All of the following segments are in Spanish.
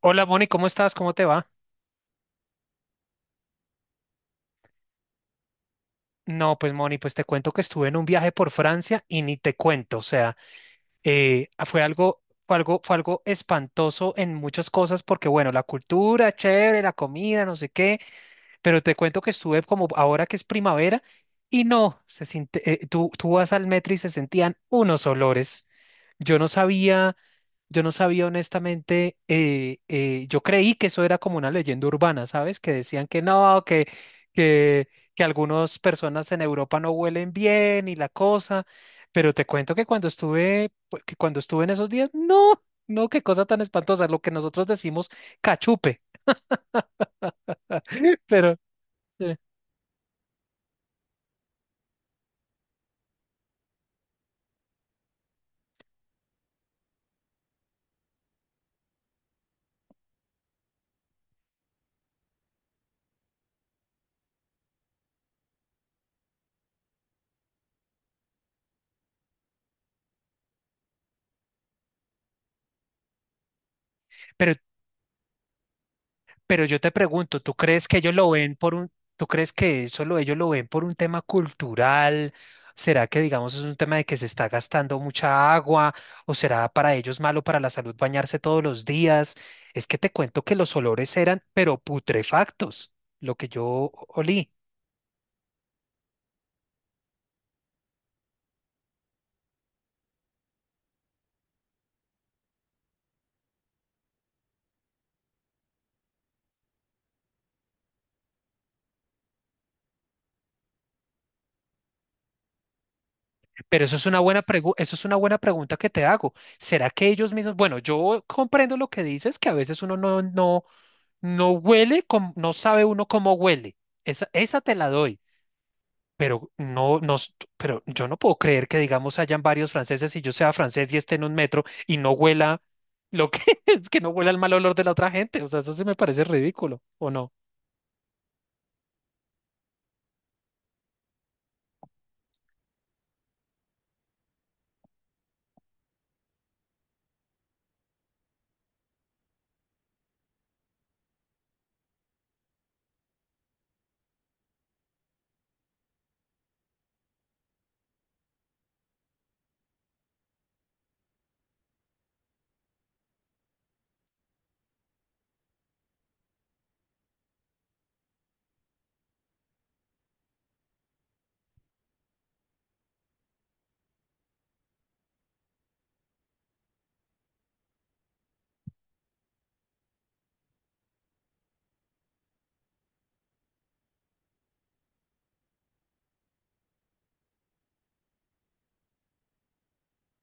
Hola Moni, ¿cómo estás? ¿Cómo te va? No, pues Moni, pues te cuento que estuve en un viaje por Francia y ni te cuento, o sea, fue algo espantoso en muchas cosas porque bueno, la cultura, chévere, la comida, no sé qué, pero te cuento que estuve como ahora que es primavera y no, se siente, tú vas al metro y se sentían unos olores. Yo no sabía, yo no sabía honestamente, yo creí que eso era como una leyenda urbana, ¿sabes? Que decían que no, que, que algunas personas en Europa no huelen bien y la cosa, pero te cuento que cuando estuve en esos días, no, no, qué cosa tan espantosa, lo que nosotros decimos cachupe, pero, eh, pero Pero yo te pregunto, tú crees que ellos lo ven por un tema cultural? ¿Será que, digamos, es un tema de que se está gastando mucha agua? ¿O será para ellos malo para la salud bañarse todos los días? Es que te cuento que los olores eran, pero putrefactos, lo que yo olí. Pero eso es una buena pregunta que te hago. ¿Será que ellos mismos, bueno, yo comprendo lo que dices, que a veces uno no huele, no sabe uno cómo huele. Esa te la doy. Pero no, no, yo no puedo creer que, digamos, hayan varios franceses y yo sea francés y esté en un metro y no huela lo que es que no huela el mal olor de la otra gente. O sea, eso sí me parece ridículo, ¿o no?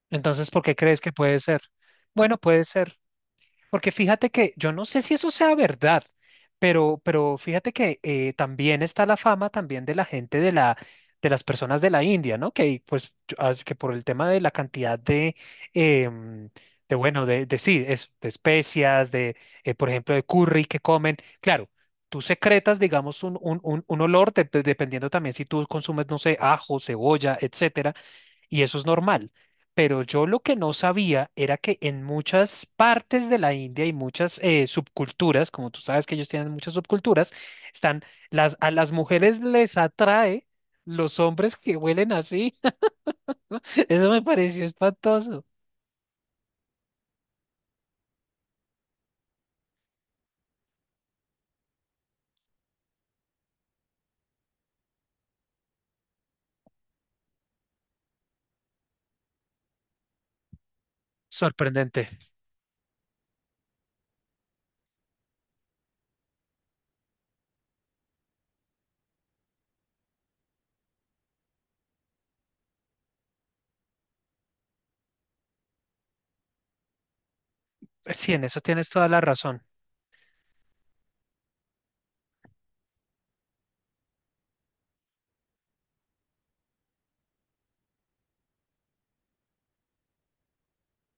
Entonces, ¿por qué crees que puede ser? Bueno, puede ser. Porque fíjate que yo no sé si eso sea verdad, pero fíjate que también está la fama también de la gente de las personas de la India, ¿no? Que pues que por el tema de la cantidad de, em, de bueno, de sí, de especias, de, por ejemplo, de curry que comen. Claro, tú secretas, digamos, un olor, dependiendo también si tú consumes, no sé, ajo, cebolla, etcétera y eso es normal. Pero yo lo que no sabía era que en muchas partes de la India y muchas subculturas, como tú sabes que ellos tienen muchas subculturas, están las a las mujeres les atrae los hombres que huelen así. Eso me pareció espantoso. Sorprendente. Sí, en eso tienes toda la razón.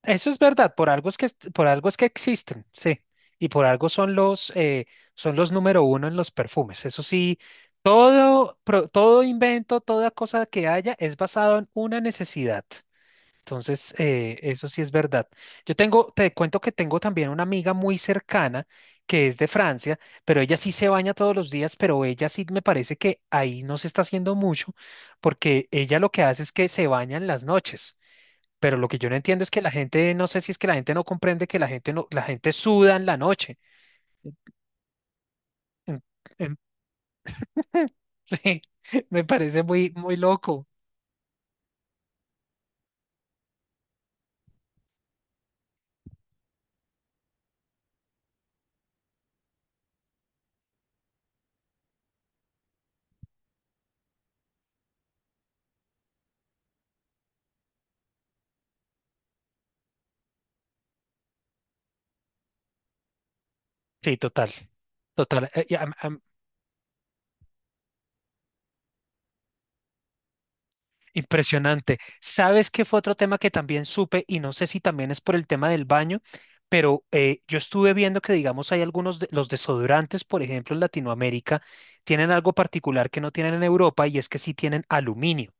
Eso es verdad, por algo es que existen, sí, y por algo son son los número uno en los perfumes. Eso sí, todo invento, toda cosa que haya es basado en una necesidad. Entonces, eso sí es verdad. Te cuento que tengo también una amiga muy cercana que es de Francia, pero ella sí se baña todos los días, pero ella sí me parece que ahí no se está haciendo mucho, porque ella lo que hace es que se baña en las noches. Pero lo que yo no entiendo es que la gente, no sé si es que la gente no comprende que la gente no, la gente suda en la noche. En- en- Sí, me parece muy, muy loco. Sí, total, total, y impresionante. ¿Sabes qué fue otro tema que también supe? Y no sé si también es por el tema del baño, pero yo estuve viendo que, digamos, hay algunos, los desodorantes, por ejemplo, en Latinoamérica, tienen algo particular que no tienen en Europa y es que sí tienen aluminio.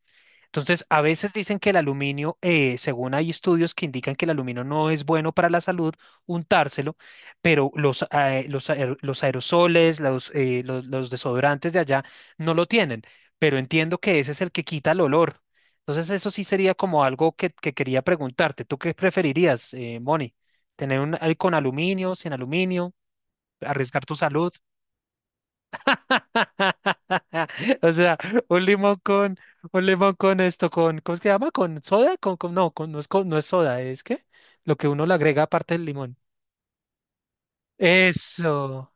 Entonces, a veces dicen que el aluminio, según hay estudios que indican que el aluminio no es bueno para la salud untárselo, pero los aerosoles, los desodorantes de allá no lo tienen, pero entiendo que ese es el que quita el olor. Entonces, eso sí sería como algo que quería preguntarte. ¿Tú qué preferirías, Moni? ¿Tener un con aluminio, sin aluminio? ¿Arriesgar tu salud? O sea, un limón con, un limón con esto, con, ¿cómo es que se llama? ¿Con soda? Con, no, con, no es soda, es que lo que uno le agrega aparte del limón. Eso,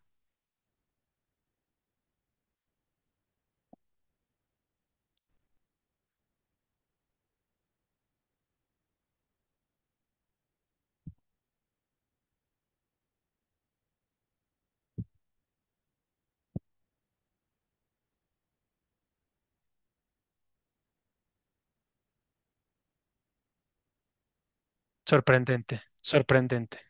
sorprendente, sorprendente.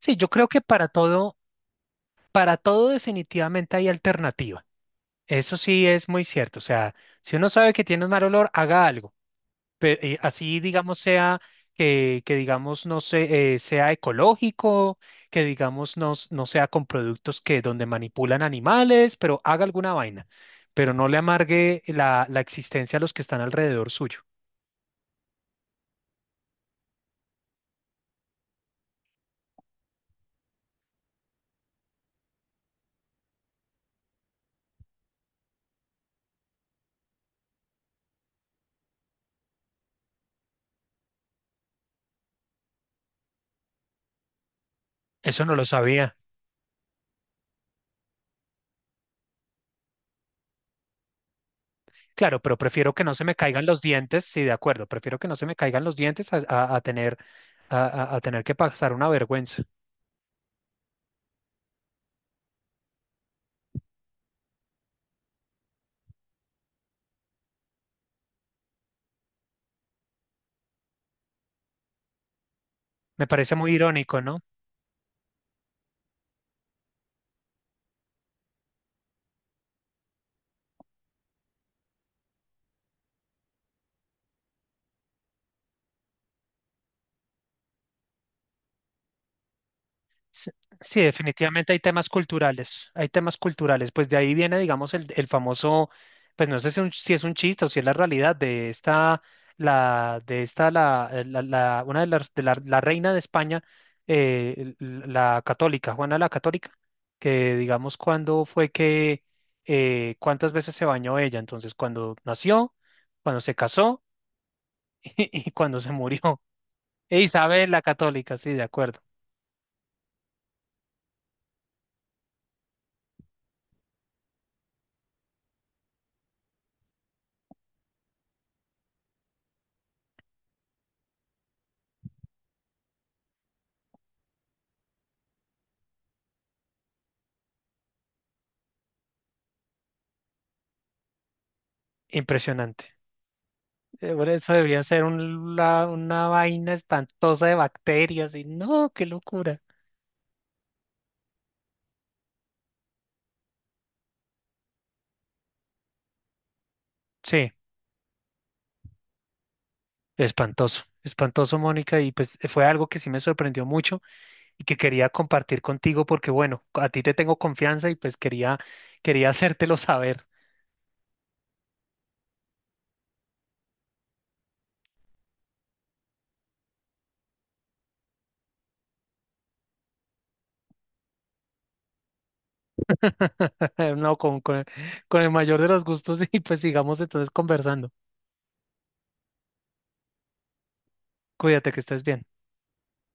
Sí, yo creo que para todo definitivamente hay alternativa. Eso sí es muy cierto. O sea, si uno sabe que tiene un mal olor, haga algo. Así, digamos, sea que digamos, no sé, sea ecológico, que digamos, no, no sea con productos que donde manipulan animales, pero haga alguna vaina, pero no le amargue la existencia a los que están alrededor suyo. Eso no lo sabía. Claro, pero prefiero que no se me caigan los dientes, sí, de acuerdo, prefiero que no se me caigan los dientes a, a tener que pasar una vergüenza. Me parece muy irónico, ¿no? S- Sí, definitivamente hay temas culturales, pues de ahí viene, digamos, el famoso, pues no sé si, si es un chiste o si es la realidad de esta, la- la- una de las, de la, la reina de España, la católica, Juana la Católica, que digamos cuántas veces se bañó ella, entonces cuando nació, cuando se casó y cuando se murió. E Isabel la Católica, sí, de acuerdo, impresionante. Por eso debía ser una vaina espantosa de bacterias y no, qué locura. Sí, espantoso, espantoso, Mónica, y pues fue algo que sí me sorprendió mucho y que quería compartir contigo porque, bueno, a ti te tengo confianza y pues quería, hacértelo saber. No, con el mayor de los gustos y pues sigamos entonces conversando. Cuídate que estés bien.